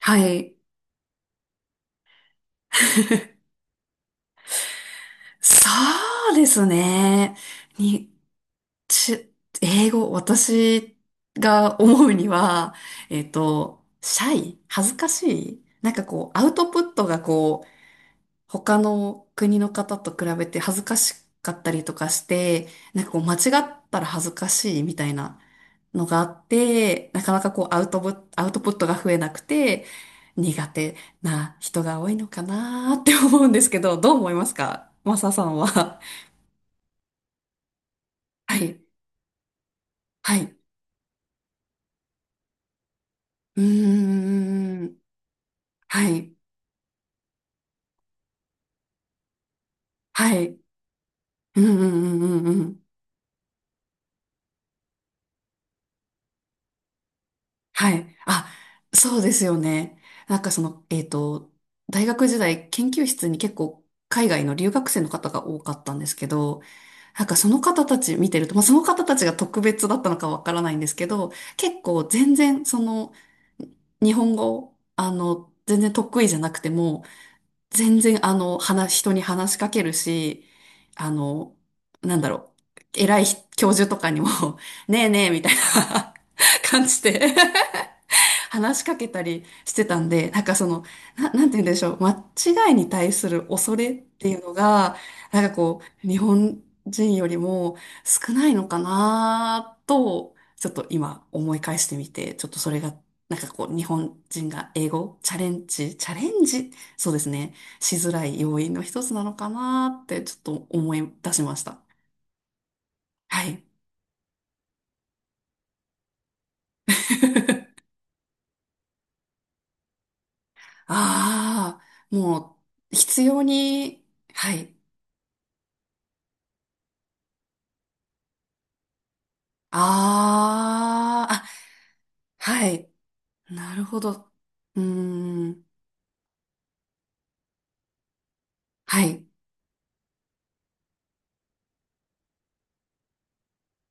はい。そうですね。に、ち、英語、私が思うには、シャイ、恥ずかしい、なんかこう、アウトプットがこう、他の国の方と比べて恥ずかしかったりとかして、なんかこう間違ったら恥ずかしいみたいなのがあって、なかなかこうアウトプットが増えなくて、苦手な人が多いのかなーって思うんですけど、どう思いますかマサさんは。はい。はい。うーん。はい。はい。うんうんうんうん。はい。あ、そうですよね。なんかその、大学時代、研究室に結構海外の留学生の方が多かったんですけど、なんかその方たち見てると、まあその方たちが特別だったのかわからないんですけど、結構全然その日本語、あの、全然得意じゃなくても、全然あの、人に話しかけるし、あの、なんだろ偉い教授とかにも、ねえねえみたいな 感じで話しかけたりしてたんで、なんかその、なんて言うんでしょう、間違いに対する恐れっていうのが、なんかこう、日本人よりも少ないのかなと、ちょっと今思い返してみて、ちょっとそれが、なんかこう、日本人が英語、チャレンジ、そうですね、しづらい要因の一つなのかなって、ちょっと思い出しました。はい。ああ、もう、必要に、はい。ああ、あ、はい。なるほど。うーん。はい。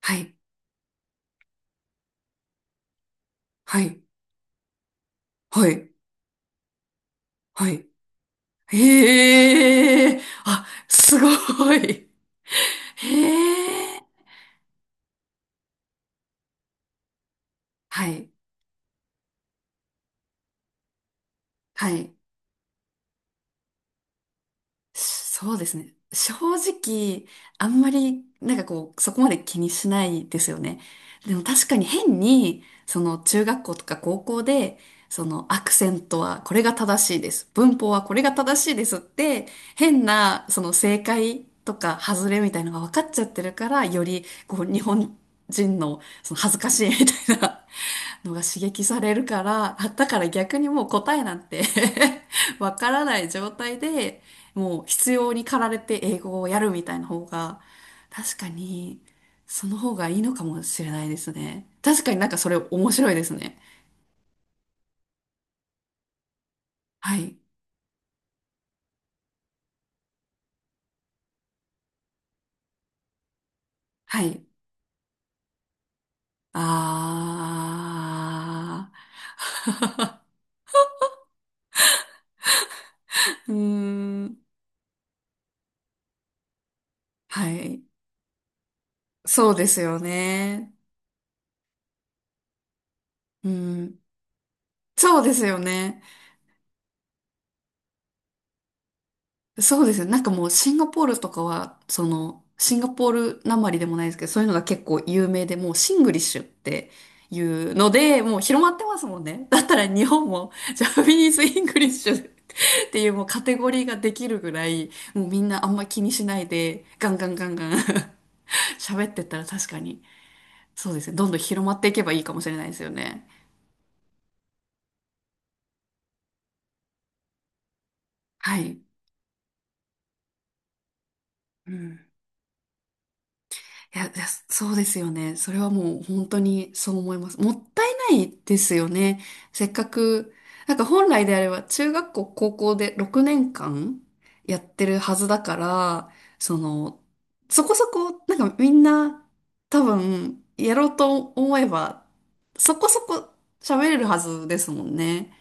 はい。はい。はい。はい。へえ。あ、すごい。へえ。はい。はい。そうですね。正直、あんまり、なんかこう、そこまで気にしないですよね。でも確かに変に、その中学校とか高校で、そのアクセントはこれが正しいです。文法はこれが正しいですって、変な、その正解とか外れみたいなのが分かっちゃってるから、より、こう、日本人の、その恥ずかしいみたいなのが刺激されるから、あ、だから逆にもう答えなんて わからない状態で、もう必要に駆られて英語をやるみたいな方が、確かに、その方がいいのかもしれないですね。確かになんかそれ面白いですね。はい。はい。あー。うーん。はい。そうですよね。うん。そうですよね。そうですよ。なんかもうシンガポールとかは、その、シンガポールなまりでもないですけど、そういうのが結構有名で、もうシングリッシュっていうので、もう広まってますもんね。だったら日本もジャパニーズ・イングリッシュっていうもうカテゴリーができるぐらい、もうみんなあんま気にしないで、ガンガンガンガン 喋ってったら確かに、そうですね。どんどん広まっていけばいいかもしれないですよね。はい。うん。いや、いやそうですよね。それはもう本当にそう思います。もったいないですよね。せっかく、なんか本来であれば中学校、高校で6年間やってるはずだから、その、そこそこ、なんかみんな多分やろうと思えば、そこそこ喋れるはずですもんね。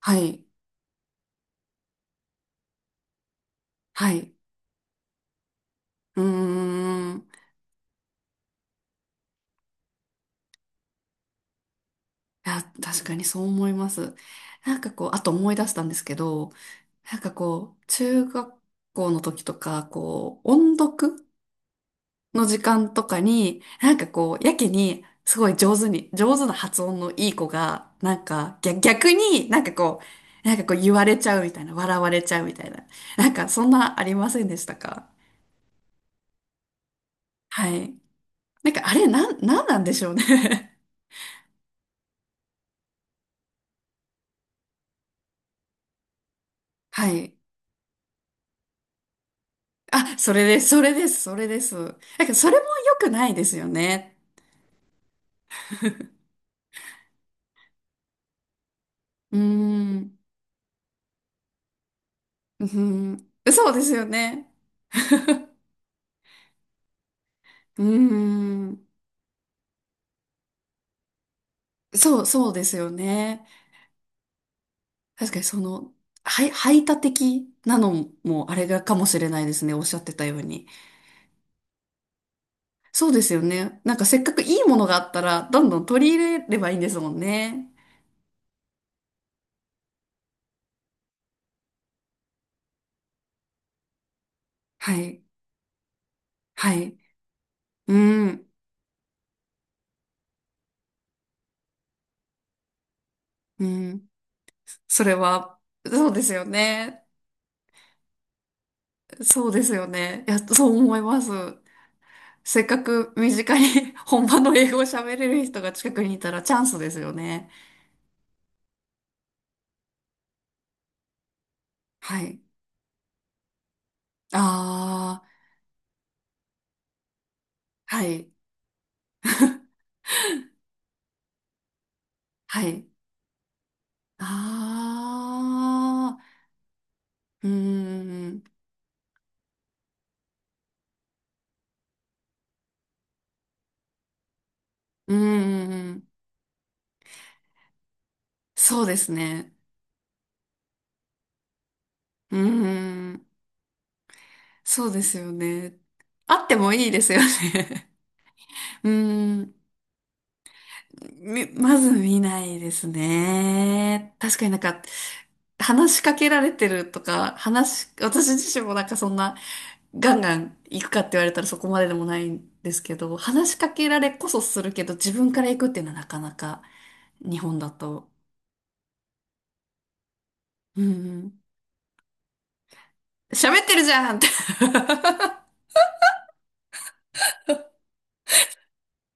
はい。はい。うーん。いや、確かにそう思います。なんかこう、あと思い出したんですけど、なんかこう、中学校の時とか、こう、音読の時間とかに、なんかこう、やけに、すごい上手に、上手な発音のいい子が、なんか、逆になんかこう、なんかこう言われちゃうみたいな、笑われちゃうみたいな。なんかそんなありませんでしたか。はい。なんかあれ、なんなんでしょうね。 はい。あ、それです、それです、それです。だからそれも良くないですよね。うーん、うーん、そうですよね。うーん、そう、そうですよね。確かにその、はい排他的なのもあれがかもしれないですね。おっしゃってたように。そうですよね。なんかせっかくいいものがあったら、どんどん取り入れればいいんですもんね。はい、はい。うん、うん。それは、そうですよね。そうですよね。いや、そう思います。せっかく身近に 本場の英語を喋れる人が近くにいたらチャンスですよね。はい。ああ、はい。はい。ああ、うーん。うーん。そうですね。うーん。そうですよね。あってもいいですよね。うーん。み、まず見ないですね。確かになんか、話しかけられてるとか、話、私自身もなんかそんな、ガンガン行くかって言われたらそこまででもないんですけど、話しかけられこそするけど、自分から行くっていうのはなかなか、日本だと。うんうん。喋ってるじゃんって。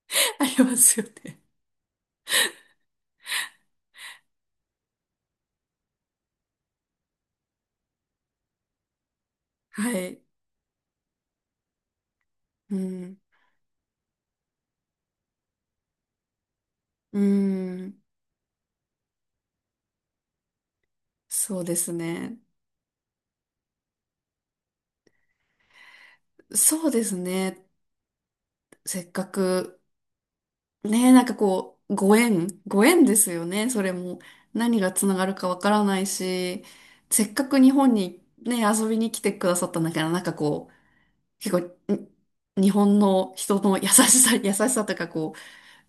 ありますよね。はい。うん。うん。そうですね。そうですね。せっかく、ねえ、なんかこう、ご縁ですよね、それも。何がつながるかわからないし、せっかく日本にね、遊びに来てくださったんだから、なんかこう、結構、に日本の人の優しさとかこ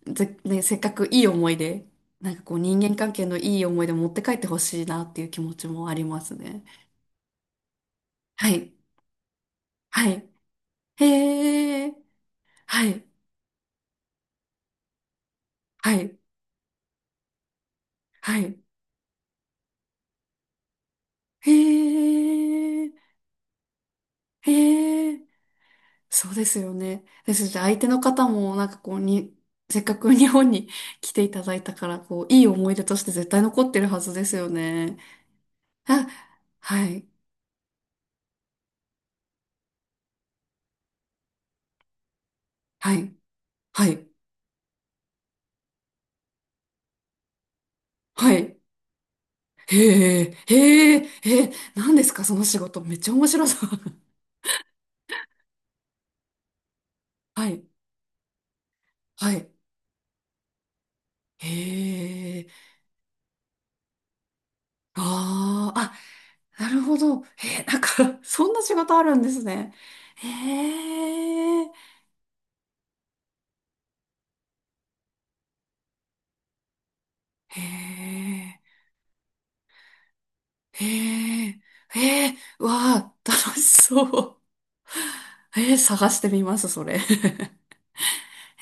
う、せっかくいい思い出、なんかこう、人間関係のいい思い出持って帰ってほしいなっていう気持ちもありますね。はい、はい、へえ、はい、はい、はい、へえ、へえ。そうですよね。ですし、相手の方もなんかこうに、せっかく日本に来ていただいたから、こう、いい思い出として絶対残ってるはずですよね。あ、はい、はい、はい、はい。へえ、へえ、へえ、何ですかその仕事。めっちゃ面白そう。はい、はい。へえ、ああ、あ、なるほど。へえ、なんか、そんな仕事あるんですね。へえ、へえ。へえ、へえ、わあ、楽しそう。へえー、探してみます、それ。へ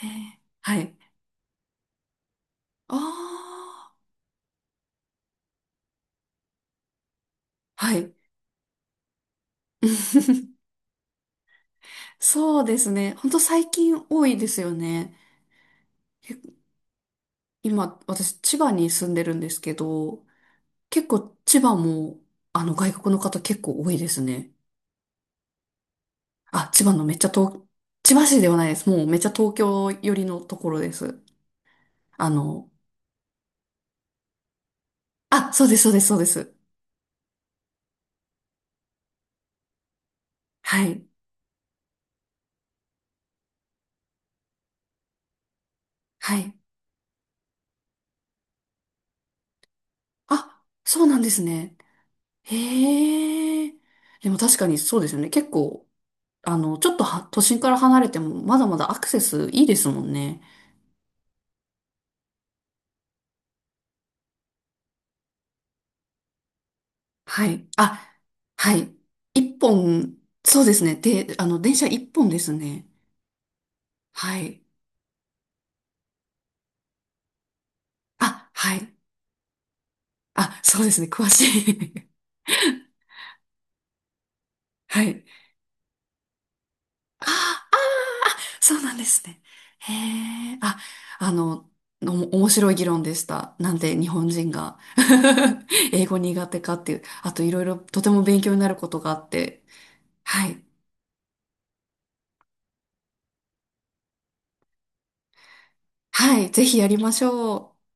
え、はい。ああ、はい。そうですね。ほんと最近多いですよね。け今、私、千葉に住んでるんですけど、結構千葉も、あの、外国の方結構多いですね。あ、千葉のめっちゃ東、千葉市ではないです。もうめっちゃ東京寄りのところです。あの、あ、そうです、そうです、そうです。はい。はい。あ、そうなんですね。へえ。でも確かにそうですよね。結構、あの、ちょっとは都心から離れても、まだまだアクセスいいですもんね。はい。あ、はい。一本、そうですね。で、あの、電車一本ですね。はい。あ、はい。あ、そうですね。詳しい。はい。あそうなんですね。へえ、あ、あの、面白い議論でした。なんで日本人が 英語苦手かっていう、あといろいろとても勉強になることがあって。はい。はい、ぜひやりましょう。